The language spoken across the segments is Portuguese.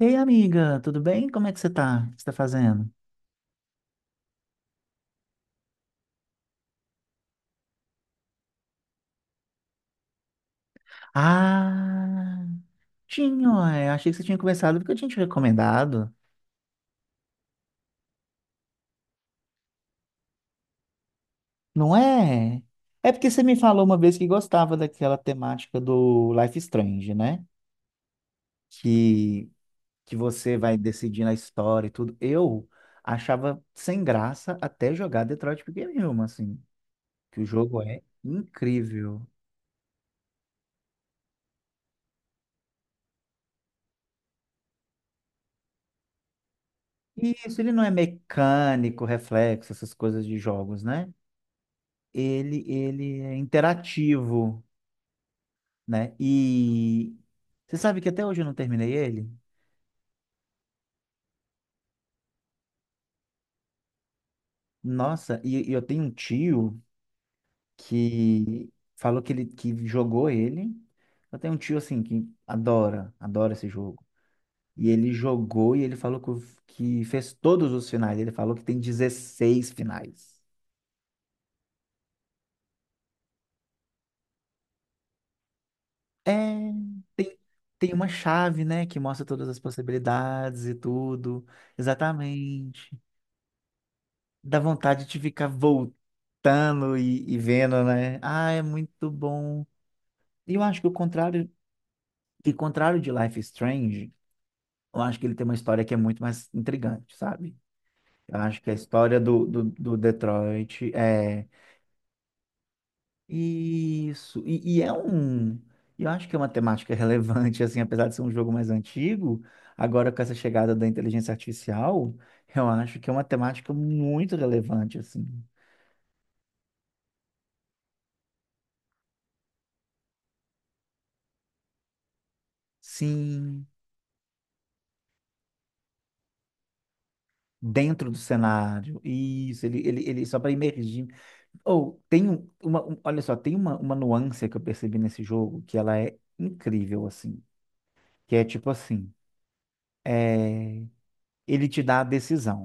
Ei, amiga, tudo bem? Como é que você tá? O que você tá fazendo? Ah, tinha, ué. Achei que você tinha conversado porque eu tinha te recomendado. Não é? É porque você me falou uma vez que gostava daquela temática do Life is Strange, né? Que, que você vai decidir na história e tudo. Eu achava sem graça até jogar Detroit Become Human, assim. Que o jogo é incrível. Isso, ele não é mecânico, reflexo, essas coisas de jogos, né? Ele é interativo, né? E você sabe que até hoje eu não terminei ele? Nossa, e eu tenho um tio que falou que ele que jogou ele. Eu tenho um tio assim que adora, adora esse jogo. E ele jogou e ele falou que, que fez todos os finais. Ele falou que tem 16 finais. É, tem, tem uma chave, né, que mostra todas as possibilidades e tudo. Exatamente. Dá vontade de ficar voltando e vendo, né? Ah, é muito bom. E eu acho que o contrário, que contrário de Life is Strange, eu acho que ele tem uma história que é muito mais intrigante, sabe? Eu acho que a história do Detroit é isso. E é um. Eu acho que é uma temática relevante, assim, apesar de ser um jogo mais antigo, agora com essa chegada da inteligência artificial, eu acho que é uma temática muito relevante, assim. Sim. Dentro do cenário. Isso, ele só para imergir. Ou tem olha só, tem uma nuance que eu percebi nesse jogo que ela é incrível assim, que é tipo assim, é, ele te dá a decisão.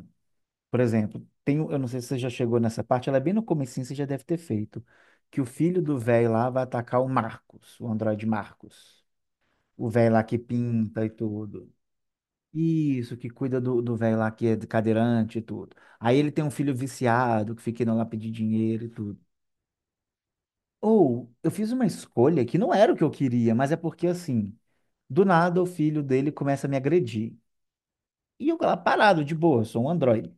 Por exemplo, tem, eu não sei se você já chegou nessa parte, ela é bem no comecinho, você já deve ter feito, que o filho do velho lá vai atacar o Marcos, o androide Marcos. O velho lá que pinta e tudo. Isso, que cuida do velho lá que é cadeirante e tudo. Aí ele tem um filho viciado que fica indo lá pedir dinheiro e tudo. Ou eu fiz uma escolha que não era o que eu queria, mas é porque assim, do nada o filho dele começa a me agredir. E eu lá parado, de boa, eu sou um androide.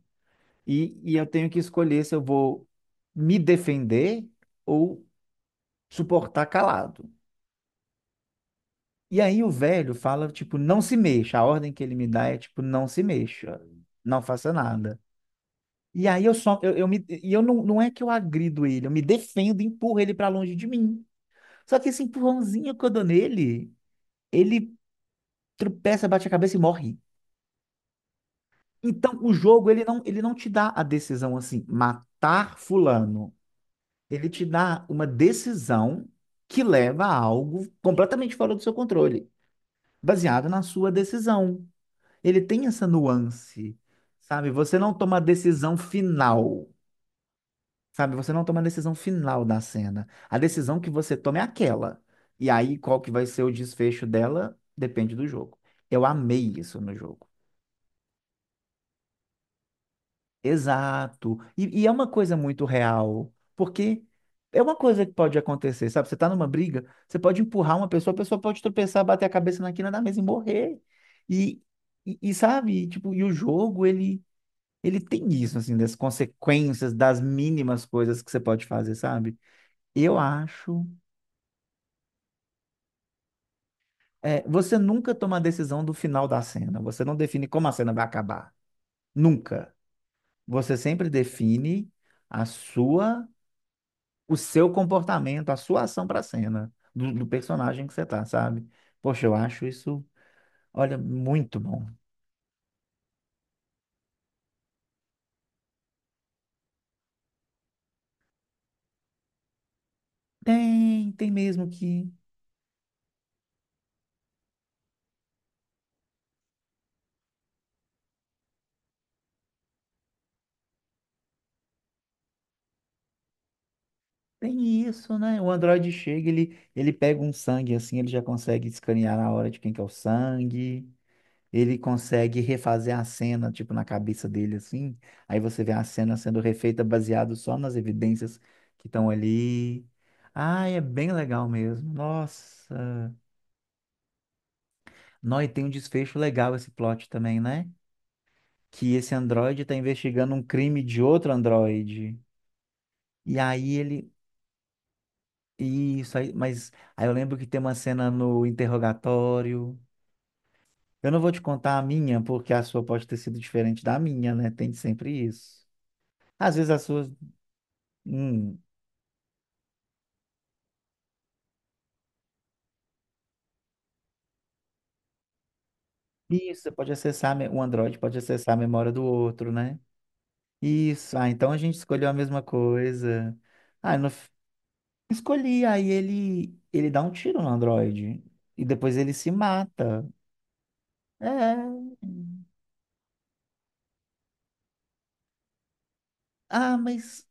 E eu tenho que escolher se eu vou me defender ou suportar calado. E aí o velho fala, tipo, não se mexa. A ordem que ele me dá é, tipo, não se mexa, não faça nada. E aí eu só, eu me, e eu não, não é que eu agrido ele, eu me defendo, e empurro ele pra longe de mim. Só que esse empurrãozinho que eu dou nele, ele tropeça, bate a cabeça e morre. Então o jogo, ele não te dá a decisão assim, matar fulano. Ele te dá uma decisão que leva a algo completamente fora do seu controle, baseado na sua decisão. Ele tem essa nuance, sabe? Você não toma a decisão final. Sabe, você não toma a decisão final da cena. A decisão que você toma é aquela. E aí, qual que vai ser o desfecho dela, depende do jogo. Eu amei isso no jogo. Exato. E é uma coisa muito real, porque é uma coisa que pode acontecer, sabe? Você tá numa briga, você pode empurrar uma pessoa, a pessoa pode tropeçar, bater a cabeça na quina da mesa e morrer. E, e sabe, tipo, e o jogo, ele tem isso, assim, das consequências, das mínimas coisas que você pode fazer, sabe? Eu acho. É, você nunca toma a decisão do final da cena. Você não define como a cena vai acabar. Nunca. Você sempre define a sua, o seu comportamento, a sua ação para a cena, do personagem que você tá, sabe? Poxa, eu acho isso, olha, muito bom. Tem, tem mesmo que tem isso, né? O Android chega, ele pega um sangue assim, ele já consegue escanear na hora de quem que é o sangue. Ele consegue refazer a cena, tipo, na cabeça dele, assim. Aí você vê a cena sendo refeita baseado só nas evidências que estão ali. Ah, é bem legal mesmo. Nossa. Nó, e tem um desfecho legal esse plot também, né? Que esse androide está investigando um crime de outro androide. E aí ele. Isso aí, mas aí eu lembro que tem uma cena no interrogatório. Eu não vou te contar a minha, porque a sua pode ter sido diferente da minha, né? Tem sempre isso. Às vezes as suas Hum, isso, você pode acessar, o Android pode acessar a memória do outro, né? Isso, ah, então a gente escolheu a mesma coisa. Ah, no, f- Escolhi, aí ele dá um tiro no Android e depois ele se mata. É. Ah, mas.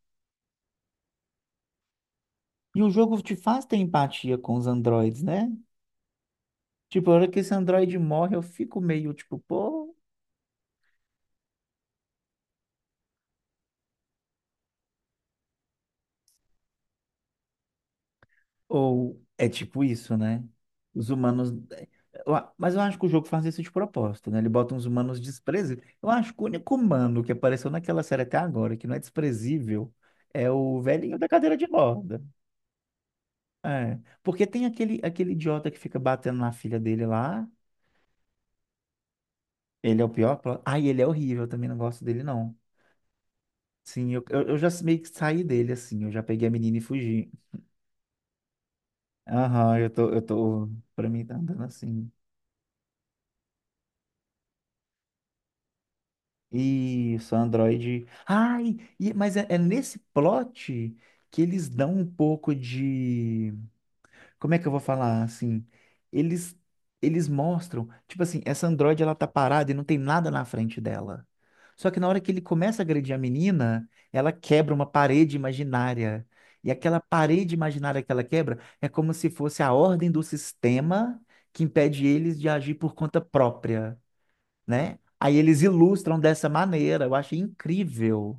E o jogo te faz ter empatia com os androides, né? Tipo, a hora que esse androide morre, eu fico meio tipo, pô. Ou é tipo isso, né? Os humanos. Mas eu acho que o jogo faz isso de propósito, né? Ele bota uns humanos desprezíveis. Eu acho que o único humano que apareceu naquela série até agora, que não é desprezível, é o velhinho da cadeira de roda. É. Porque tem aquele, aquele idiota que fica batendo na filha dele lá. Ele é o pior. Ai, ele é horrível, eu também não gosto dele, não. Sim, eu já meio que saí dele, assim. Eu já peguei a menina e fugi. Aham, eu tô. Pra mim tá andando assim. Isso, Android. Ai, mas é, é nesse plot que eles dão um pouco de. Como é que eu vou falar assim? Eles, eles mostram, tipo assim, essa Android ela tá parada e não tem nada na frente dela. Só que na hora que ele começa a agredir a menina, ela quebra uma parede imaginária. E aquela parede imaginária que ela quebra é como se fosse a ordem do sistema que impede eles de agir por conta própria, né? Aí eles ilustram dessa maneira, eu achei incrível.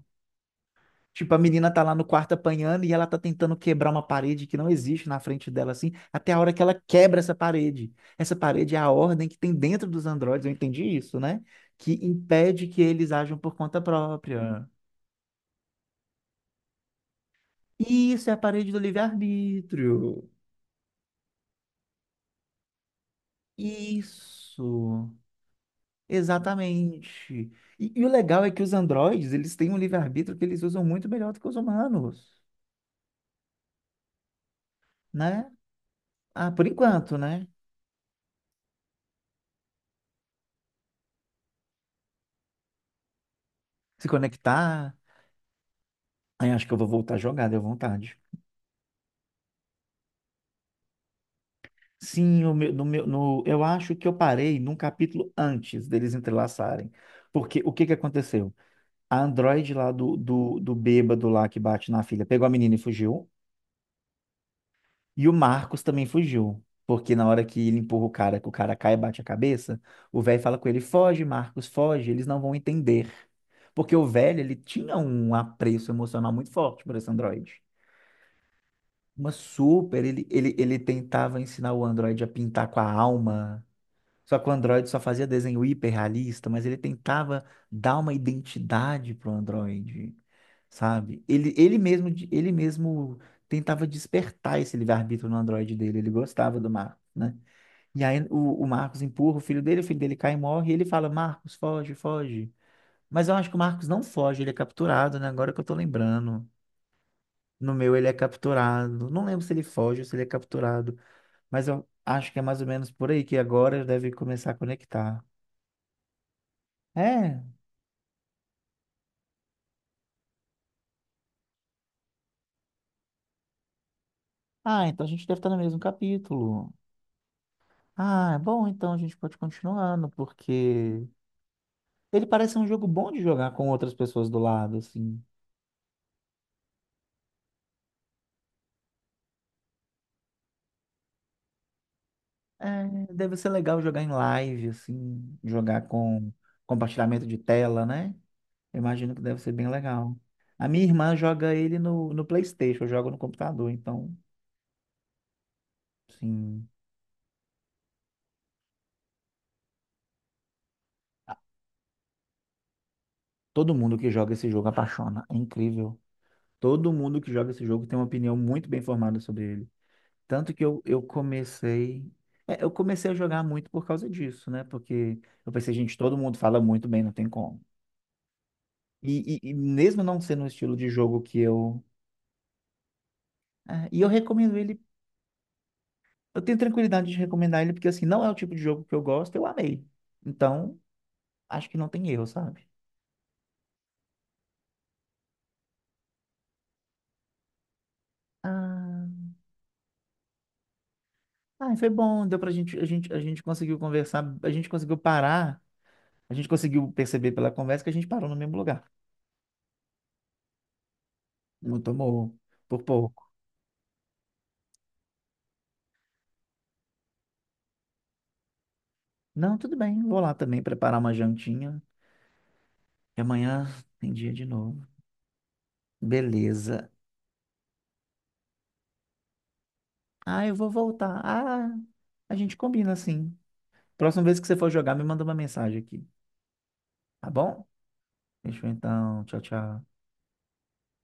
Tipo, a menina tá lá no quarto apanhando e ela tá tentando quebrar uma parede que não existe na frente dela, assim, até a hora que ela quebra essa parede. Essa parede é a ordem que tem dentro dos androides, eu entendi isso, né? Que impede que eles ajam por conta própria. Isso é a parede do livre-arbítrio. Isso, exatamente. E o legal é que os androides, eles têm um livre-arbítrio que eles usam muito melhor do que os humanos, né? Ah, por enquanto, né? Se conectar. Aí acho que eu vou voltar a jogar, deu vontade. Sim, o meu, no, eu acho que eu parei num capítulo antes deles entrelaçarem. Porque o que que aconteceu? A Android lá do bêbado lá que bate na filha pegou a menina e fugiu. E o Marcos também fugiu. Porque na hora que ele empurra o cara, que o cara cai e bate a cabeça, o velho fala com ele: foge, Marcos, foge, eles não vão entender. Porque o velho, ele tinha um apreço emocional muito forte por esse Android. Uma super, ele tentava ensinar o Android a pintar com a alma, só que o Android só fazia desenho hiperrealista, mas ele tentava dar uma identidade pro Android, sabe? Ele mesmo tentava despertar esse livre-arbítrio no Android dele, ele gostava do Marcos, né? E aí o Marcos empurra o filho dele cai e morre, e ele fala, Marcos, foge, foge. Mas eu acho que o Marcos não foge, ele é capturado, né? Agora que eu tô lembrando. No meu ele é capturado. Não lembro se ele foge ou se ele é capturado. Mas eu acho que é mais ou menos por aí que agora deve começar a conectar. É. Ah, então a gente deve estar no mesmo capítulo. Ah, é bom, então a gente pode continuando, porque ele parece um jogo bom de jogar com outras pessoas do lado, assim. É, deve ser legal jogar em live, assim, jogar com compartilhamento de tela, né? Eu imagino que deve ser bem legal. A minha irmã joga ele no PlayStation, eu jogo no computador, então, sim, todo mundo que joga esse jogo apaixona. É incrível. Todo mundo que joga esse jogo tem uma opinião muito bem formada sobre ele. Tanto que eu comecei. Eu comecei a jogar muito por causa disso, né? Porque eu pensei, gente, todo mundo fala muito bem, não tem como. E mesmo não sendo um estilo de jogo que eu. É, e eu recomendo ele. Eu tenho tranquilidade de recomendar ele, porque assim, não é o tipo de jogo que eu gosto, eu amei. Então, acho que não tem erro, sabe? Ah, ah, foi bom, deu pra gente, a gente conseguiu conversar, a gente conseguiu parar, a gente conseguiu perceber pela conversa que a gente parou no mesmo lugar. Não tomou por pouco. Não, tudo bem. Vou lá também preparar uma jantinha. E amanhã tem dia de novo. Beleza. Ah, eu vou voltar. Ah, a gente combina assim. Próxima vez que você for jogar, me manda uma mensagem aqui. Tá bom? Fechou então. Tchau, tchau.